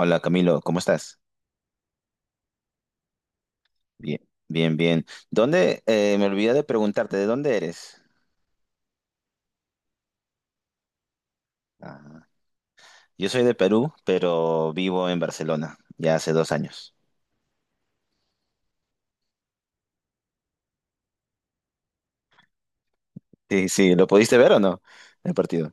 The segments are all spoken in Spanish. Hola Camilo, ¿cómo estás? Bien, bien, bien. ¿Dónde? Me olvidé de preguntarte, ¿de dónde eres? Ah, yo soy de Perú, pero vivo en Barcelona ya hace 2 años. Sí, sí, ¿lo pudiste ver o no? El partido.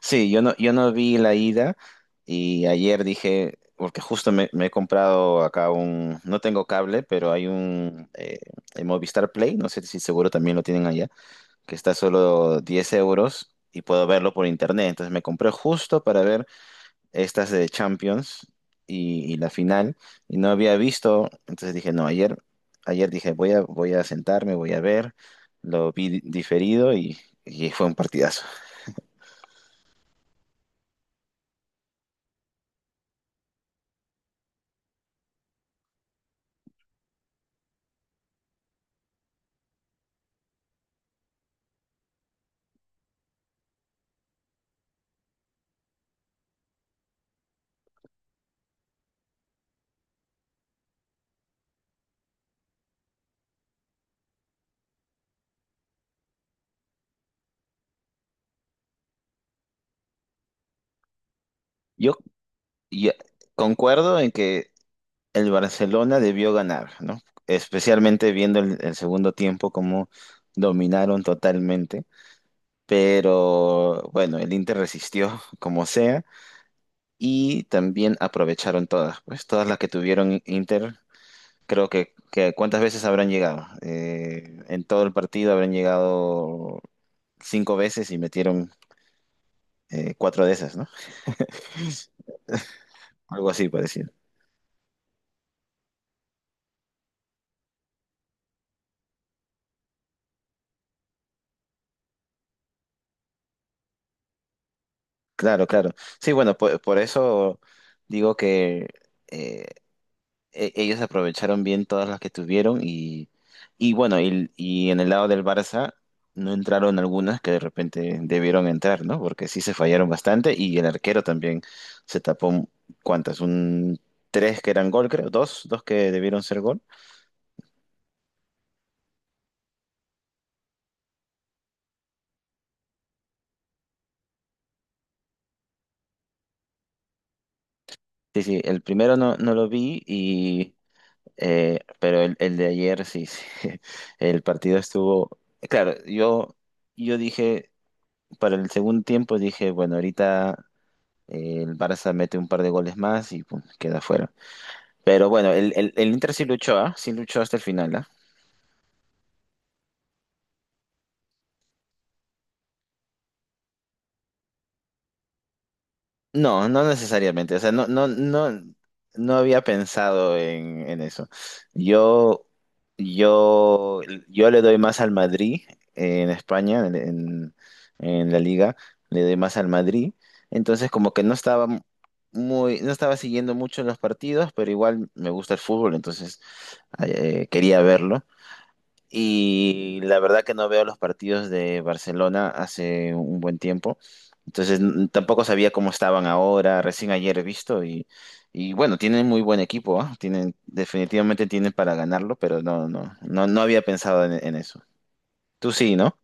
Sí, yo no vi la ida y ayer dije, porque justo me he comprado acá un, no tengo cable, pero hay un el Movistar Play, no sé si seguro también lo tienen allá, que está solo 10 euros y puedo verlo por internet. Entonces me compré justo para ver estas de Champions y la final y no había visto, entonces dije, no, ayer dije, voy a sentarme, voy a ver, lo vi diferido y fue un partidazo. Yo, y- concuerdo en que el Barcelona debió ganar, ¿no? Especialmente viendo el segundo tiempo, cómo dominaron totalmente. Pero bueno, el Inter resistió como sea y también aprovecharon todas, pues todas las que tuvieron Inter. Creo que ¿cuántas veces habrán llegado? En todo el partido habrán llegado cinco veces y metieron cuatro de esas, ¿no? Algo así parecido. Claro, claro. Sí, bueno, por eso digo que eh, ellos aprovecharon bien todas las que tuvieron y bueno, y en el lado del Barça no entraron algunas que de repente debieron entrar, ¿no? Porque sí se fallaron bastante y el arquero también se tapó, ¿cuántas? Un tres que eran gol, creo, dos que debieron ser gol. Sí, sí, el primero no lo vi y, pero el de ayer sí, sí, el partido estuvo. Claro, yo dije, para el segundo tiempo dije, bueno, ahorita. El Barça mete un par de goles más y pum, queda fuera. Pero bueno, el Inter sí luchó, ¿ah? Sí luchó hasta el final, ¿ah? No, no necesariamente. O sea, no había pensado en eso. Yo, yo, yo le doy más al Madrid, en España, en la liga, le doy más al Madrid. Entonces, como que no estaba muy, no estaba siguiendo mucho los partidos, pero igual me gusta el fútbol, entonces quería verlo. Y la verdad que no veo los partidos de Barcelona hace un buen tiempo. Entonces tampoco sabía cómo estaban ahora, recién ayer he visto y bueno, tienen muy buen equipo, ¿ah? Tienen, definitivamente tienen para ganarlo, pero no, no había pensado en eso. Tú sí, ¿no?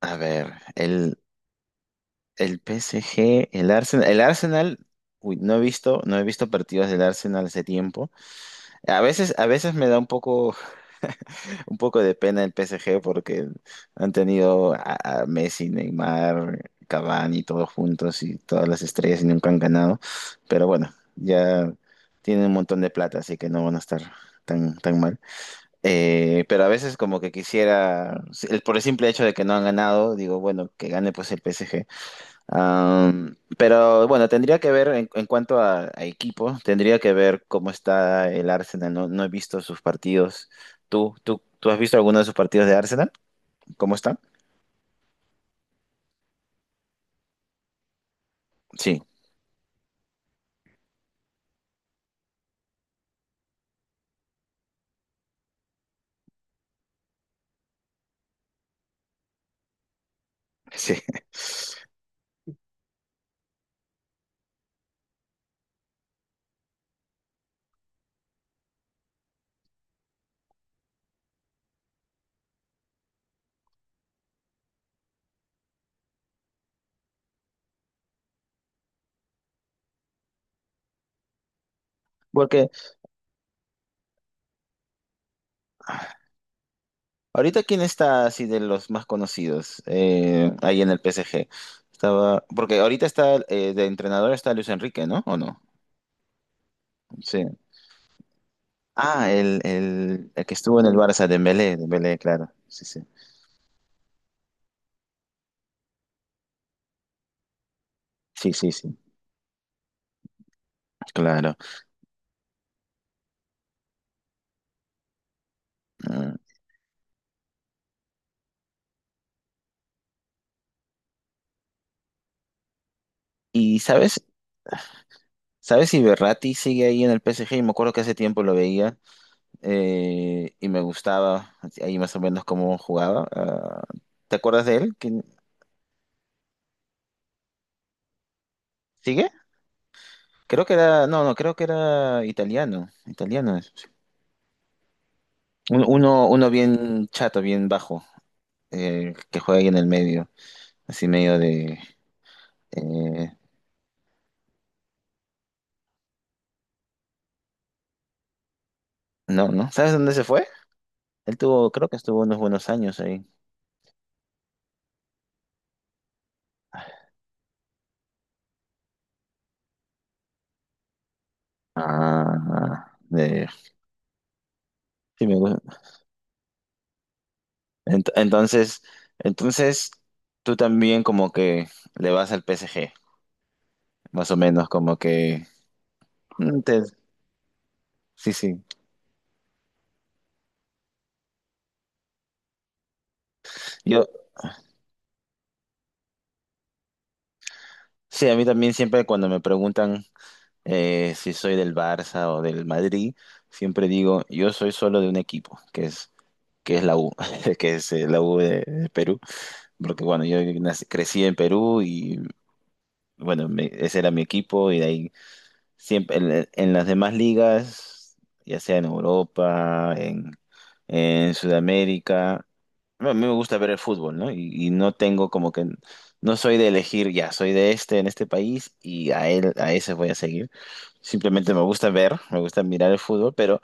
A ver, el PSG, el Arsenal, uy, no he visto partidos del Arsenal hace tiempo. A veces me da un poco de pena el PSG porque han tenido a Messi, Neymar, Cavani, todos juntos y todas las estrellas y nunca han ganado. Pero bueno, ya tienen un montón de plata, así que no van a estar tan, tan mal. Pero a veces como que quisiera, por el simple hecho de que no han ganado, digo, bueno, que gane pues el PSG. Pero bueno, tendría que ver en cuanto a equipo, tendría que ver cómo está el Arsenal. No, no he visto sus partidos. ¿Tú has visto alguno de sus partidos de Arsenal? ¿Cómo están? Sí, sí. Porque ahorita, ¿quién está así de los más conocidos, ahí en el PSG? Estaba, porque ahorita está, de entrenador está Luis Enrique, ¿no? ¿O no? Sí. Ah, el que estuvo en el Barça, Dembélé, Dembélé, claro. Sí, sí. Sí, sí, sí. Claro. Ah. Y sabes si Berratti sigue ahí en el PSG, y me acuerdo que hace tiempo lo veía, y me gustaba ahí más o menos cómo jugaba. Ah, ¿te acuerdas de él? ¿Sigue? Creo que era, no, no, creo que era italiano, italiano. Es. Sí. Uno bien chato, bien bajo, que juega ahí en el medio, así medio de. eh, no, ¿no? ¿Sabes dónde se fue? Él tuvo, creo que estuvo unos buenos años ahí. Ah, de, sí, me, Ent- Entonces, entonces tú también como que le vas al PSG, más o menos como que mm, te- sí, sí. Yo sí, a mí también siempre cuando me preguntan, si soy del Barça o del Madrid, siempre digo, yo soy solo de un equipo, que es la U, que es, la U de Perú, porque bueno, yo crecí en Perú y bueno, ese era mi equipo y de ahí siempre en las demás ligas, ya sea en Europa, en Sudamérica, bueno, a mí me gusta ver el fútbol, ¿no? Y no tengo como que, no soy de elegir, ya, soy de este en este país y a él, a ese voy a seguir. Simplemente me gusta ver, me gusta mirar el fútbol, pero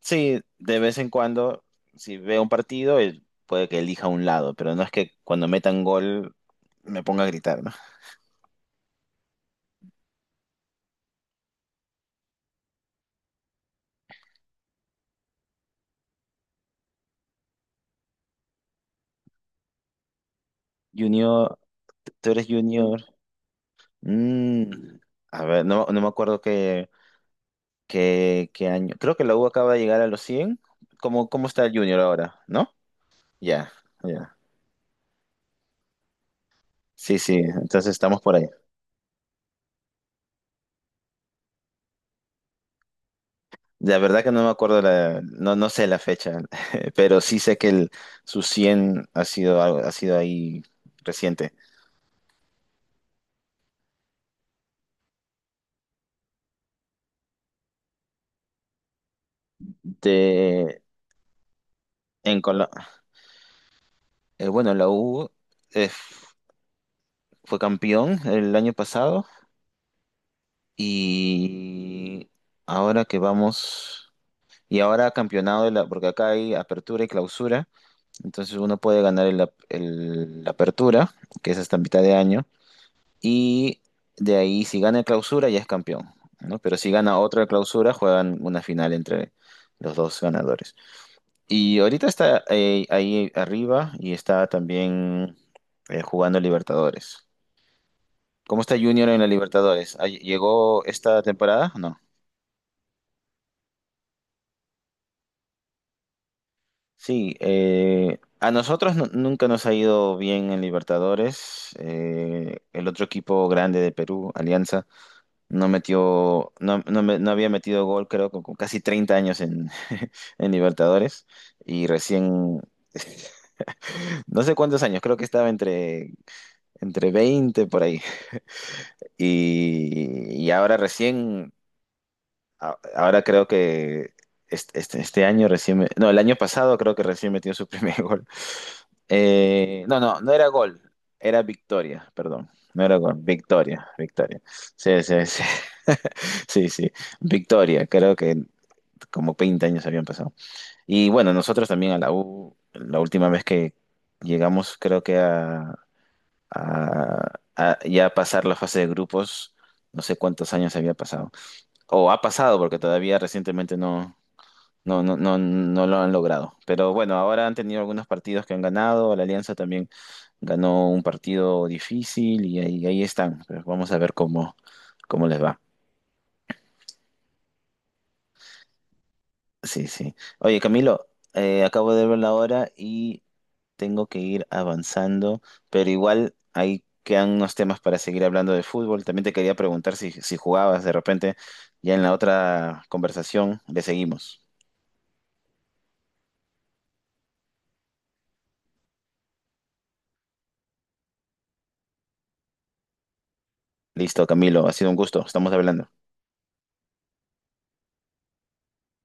sí, de vez en cuando, si veo un partido, puede que elija un lado, pero no es que cuando metan gol me ponga a gritar, ¿no? Junior, tú eres Junior. Mm, a ver, no me acuerdo qué, qué año. Creo que la U acaba de llegar a los 100. ¿Cómo está el Junior ahora? ¿No? Ya, ya. Sí, sí, entonces estamos por ahí. La verdad que no me acuerdo, no sé la fecha, pero sí sé que su 100 ha sido, ha sido ahí reciente. De, en Colo- bueno, la U, eh, fue campeón el año pasado y ahora que vamos. Y ahora campeonado, porque acá hay apertura y clausura, entonces uno puede ganar la apertura, que es hasta mitad de año, y de ahí si gana el clausura ya es campeón, ¿no? Pero si gana otra clausura, juegan una final entre los dos ganadores. Y ahorita está, ahí arriba y está también, jugando Libertadores. ¿Cómo está Junior en la Libertadores? ¿Llegó esta temporada? No. Sí, a nosotros nunca nos ha ido bien en Libertadores. El otro equipo grande de Perú, Alianza, no metió, no había metido gol, creo, con casi 30 años en, en Libertadores. Y recién, no sé cuántos años, creo que estaba entre, entre 20 por ahí. Y ahora recién, ahora creo que este año recién, no, el año pasado creo que recién metió su primer gol. No, no, no era gol, era victoria, perdón. No era gol, victoria, victoria. Sí, sí, sí. Sí, sí, victoria. Creo que como 20 años habían pasado. Y bueno, nosotros también a la U, la última vez que llegamos, creo que a, ya pasar la fase de grupos, no sé cuántos años había pasado. O ha pasado porque todavía recientemente no lo han logrado. Pero bueno, ahora han tenido algunos partidos que han ganado. La Alianza también ganó un partido difícil y ahí están. Pero vamos a ver cómo les va. Sí, sí. Oye, Camilo, acabo de ver la hora y tengo que ir avanzando, pero igual ahí quedan unos temas para seguir hablando de fútbol. También te quería preguntar si jugabas de repente, ya en la otra conversación le seguimos. Listo, Camilo, ha sido un gusto. Estamos hablando.